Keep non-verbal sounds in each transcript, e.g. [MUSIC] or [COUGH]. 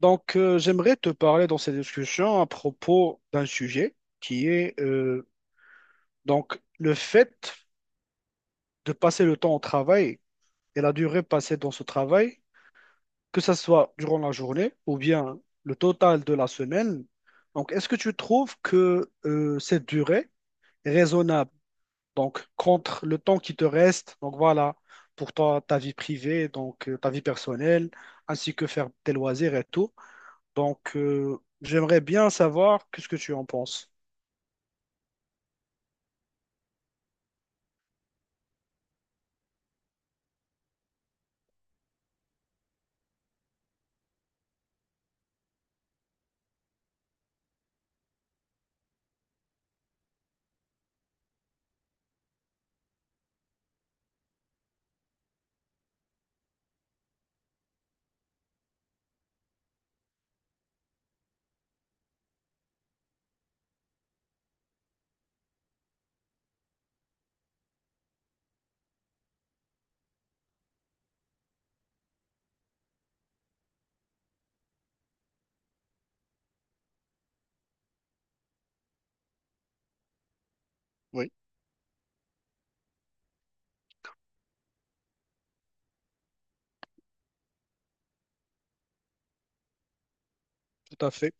Donc, j'aimerais te parler dans cette discussion à propos d'un sujet qui est donc le fait de passer le temps au travail et la durée passée dans ce travail, que ce soit durant la journée ou bien le total de la semaine. Donc, est-ce que tu trouves que cette durée est raisonnable, donc contre le temps qui te reste, donc voilà, pour toi, ta vie privée, ta vie personnelle, ainsi que faire tes loisirs et tout. Donc, j'aimerais bien savoir qu'est-ce que tu en penses. Oui, tout à fait.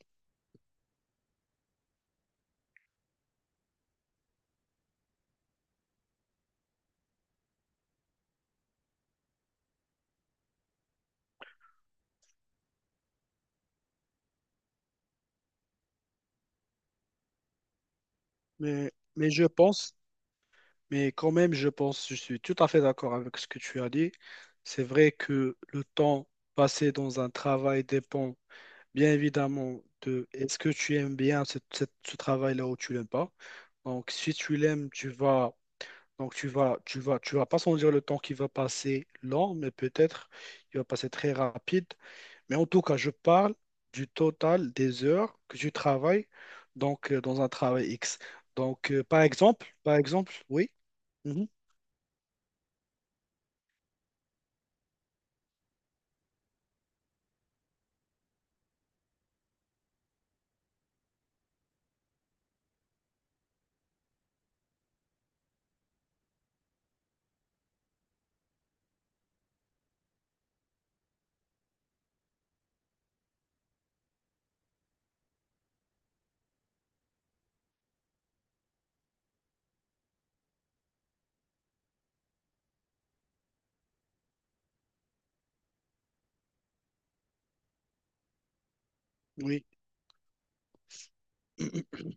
Mais, mais je pense, mais quand même, je suis tout à fait d'accord avec ce que tu as dit. C'est vrai que le temps passé dans un travail dépend bien évidemment de est-ce que tu aimes bien ce, ce travail-là ou tu l'aimes pas. Donc, si tu l'aimes, donc tu vas pas sentir le temps qui va passer lent, mais peut-être il va passer très rapide. Mais en tout cas, je parle du total des heures que tu travailles donc, dans un travail X. Donc, par exemple, oui, mhm, oui, [CLEARS THROAT]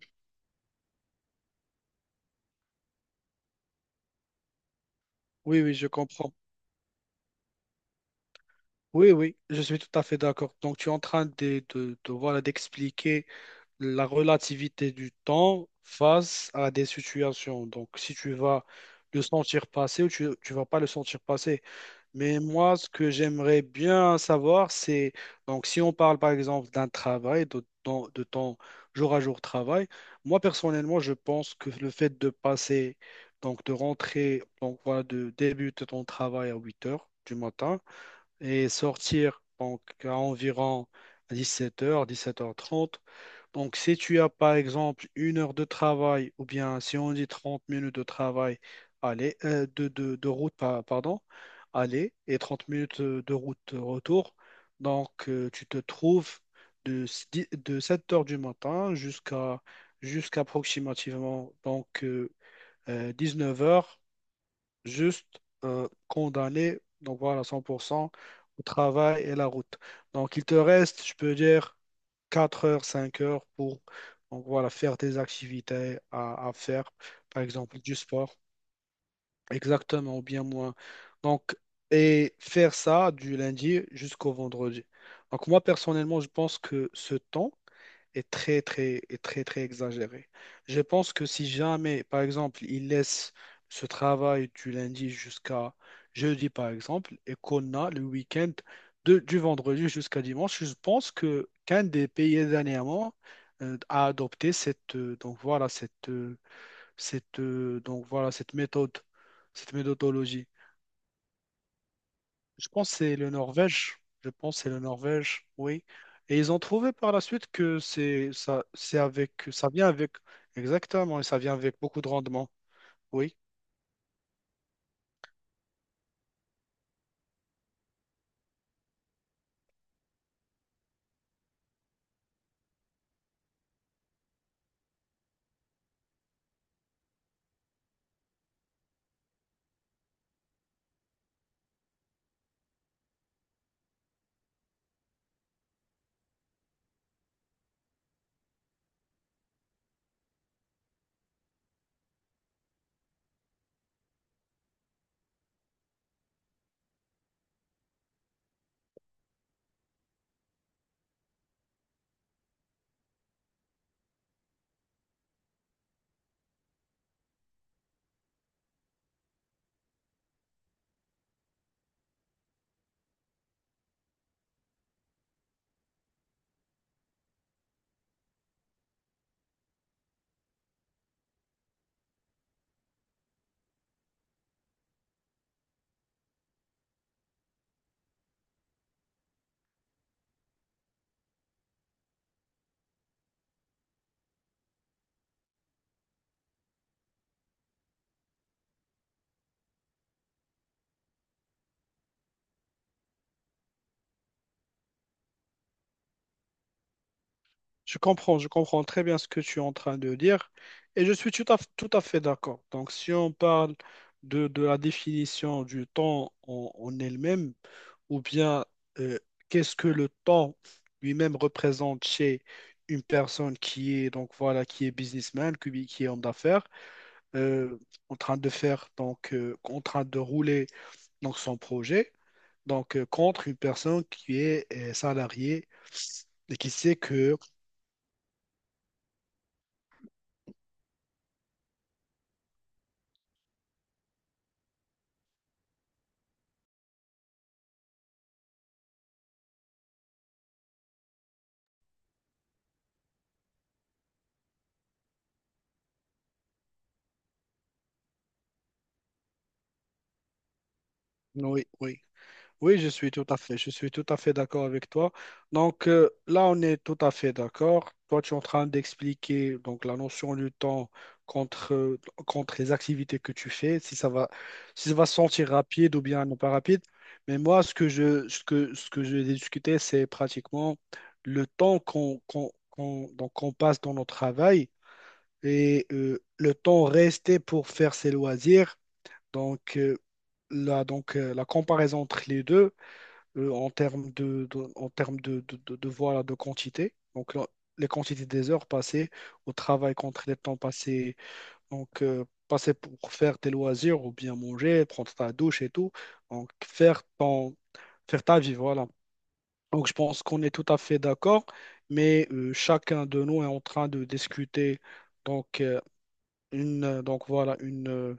oui, oui, je comprends. Oui, oui, je suis tout à fait d'accord. Donc, tu es en train de, voilà, d'expliquer la relativité du temps face à des situations. Donc, si tu vas le sentir passer ou tu ne vas pas le sentir passer. Mais moi, ce que j'aimerais bien savoir, c'est, donc si on parle par exemple d'un travail, de ton jour à jour travail, moi personnellement, je pense que le fait de passer, donc de rentrer, donc voilà, de débuter ton travail à 8 heures du matin, et sortir donc à environ 17h, 17h30. Donc si tu as par exemple une heure de travail ou bien si on dit 30 minutes de travail, aller, de route, pardon, aller et 30 minutes de route retour, tu te trouves de 7h du matin jusqu'à approximativement donc 19h juste condamné, donc voilà, 100% au travail et la route. Donc il te reste, je peux dire, 4 heures, 5 heures pour donc, voilà, faire tes activités à faire, par exemple du sport. Exactement, ou bien moins. Donc, et faire ça du lundi jusqu'au vendredi. Donc, moi, personnellement, je pense que ce temps est très, très exagéré. Je pense que si jamais, par exemple, il laisse ce travail du lundi jusqu'à jeudi, par exemple, et qu'on a le week-end de, du vendredi jusqu'à dimanche, je pense que qu'un des pays dernièrement a adopté cette, donc voilà, cette, cette, donc voilà, cette méthode, cette méthodologie. Je pense que c'est le Norvège. Je pense que c'est le Norvège, oui. Et ils ont trouvé par la suite que c'est ça, c'est avec, ça vient avec, exactement, et ça vient avec beaucoup de rendement. Oui, je comprends, je comprends très bien ce que tu es en train de dire et je suis tout à, tout à fait d'accord. Donc, si on parle de la définition du temps en, en elle-même, ou bien euh, qu'est-ce que le temps lui-même représente chez une personne qui est donc voilà qui est businessman, qui est homme d'affaires, euh, en train de faire en train de rouler donc son projet, contre une personne qui est salariée et qui sait que oui, oui, oui, je suis tout à fait, je suis tout à fait d'accord avec toi. Là, on est tout à fait d'accord. Toi, tu es en train d'expliquer donc la notion du temps contre, contre les activités que tu fais, si ça va, si ça va se sentir rapide ou bien non pas rapide. Mais moi, ce que je, ce que j'ai discuté, c'est pratiquement le temps donc qu'on passe dans notre travail et le temps resté pour faire ses loisirs. Donc euh, là, la comparaison entre les deux en termes de, en termes de, voilà, de quantité. Donc, là, les quantités des heures passées au travail contre les temps passés, passer pour faire tes loisirs ou bien manger, prendre ta douche et tout. Donc, faire ton, faire ta vie, voilà. Donc, je pense qu'on est tout à fait d'accord, mais chacun de nous est en train de discuter. Donc, une, donc voilà, une.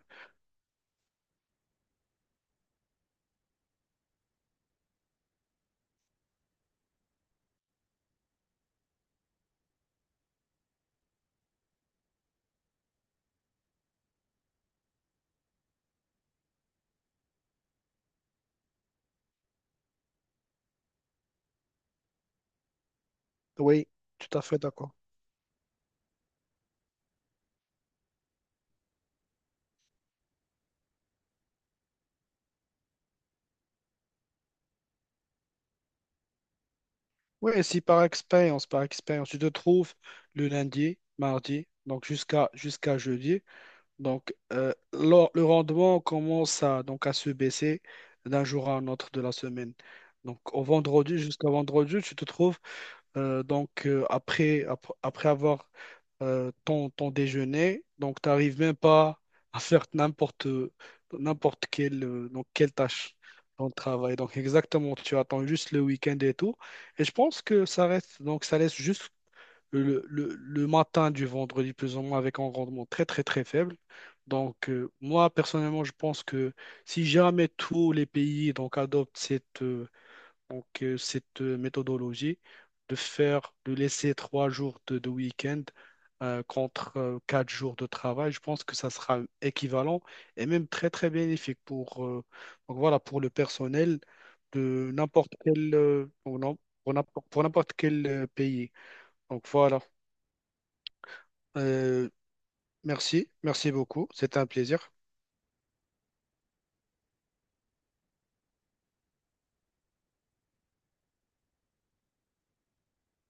Oui, tout à fait d'accord. Oui, si par expérience, par expérience, tu te trouves le lundi, mardi, donc jusqu'à jeudi, le rendement commence à, donc à se baisser d'un jour à un autre de la semaine. Donc au vendredi, jusqu'à vendredi, tu te trouves après, après avoir ton déjeuner, donc tu n'arrives même pas à faire n'importe quelle, quelle tâche dans le travail. Donc, exactement, tu attends juste le week-end et tout. Et je pense que ça reste, donc, ça laisse juste le matin du vendredi, plus ou moins, avec un rendement très, très, très faible. Donc, moi, personnellement, je pense que si jamais tous les pays donc, adoptent cette, donc cette méthodologie de faire, de laisser 3 jours de week-end contre 4 jours de travail, je pense que ça sera équivalent et même très très bénéfique pour, donc voilà, pour le personnel de n'importe quel pour n'importe quel pays. Donc voilà. euh, Merci, merci beaucoup. C'était un plaisir.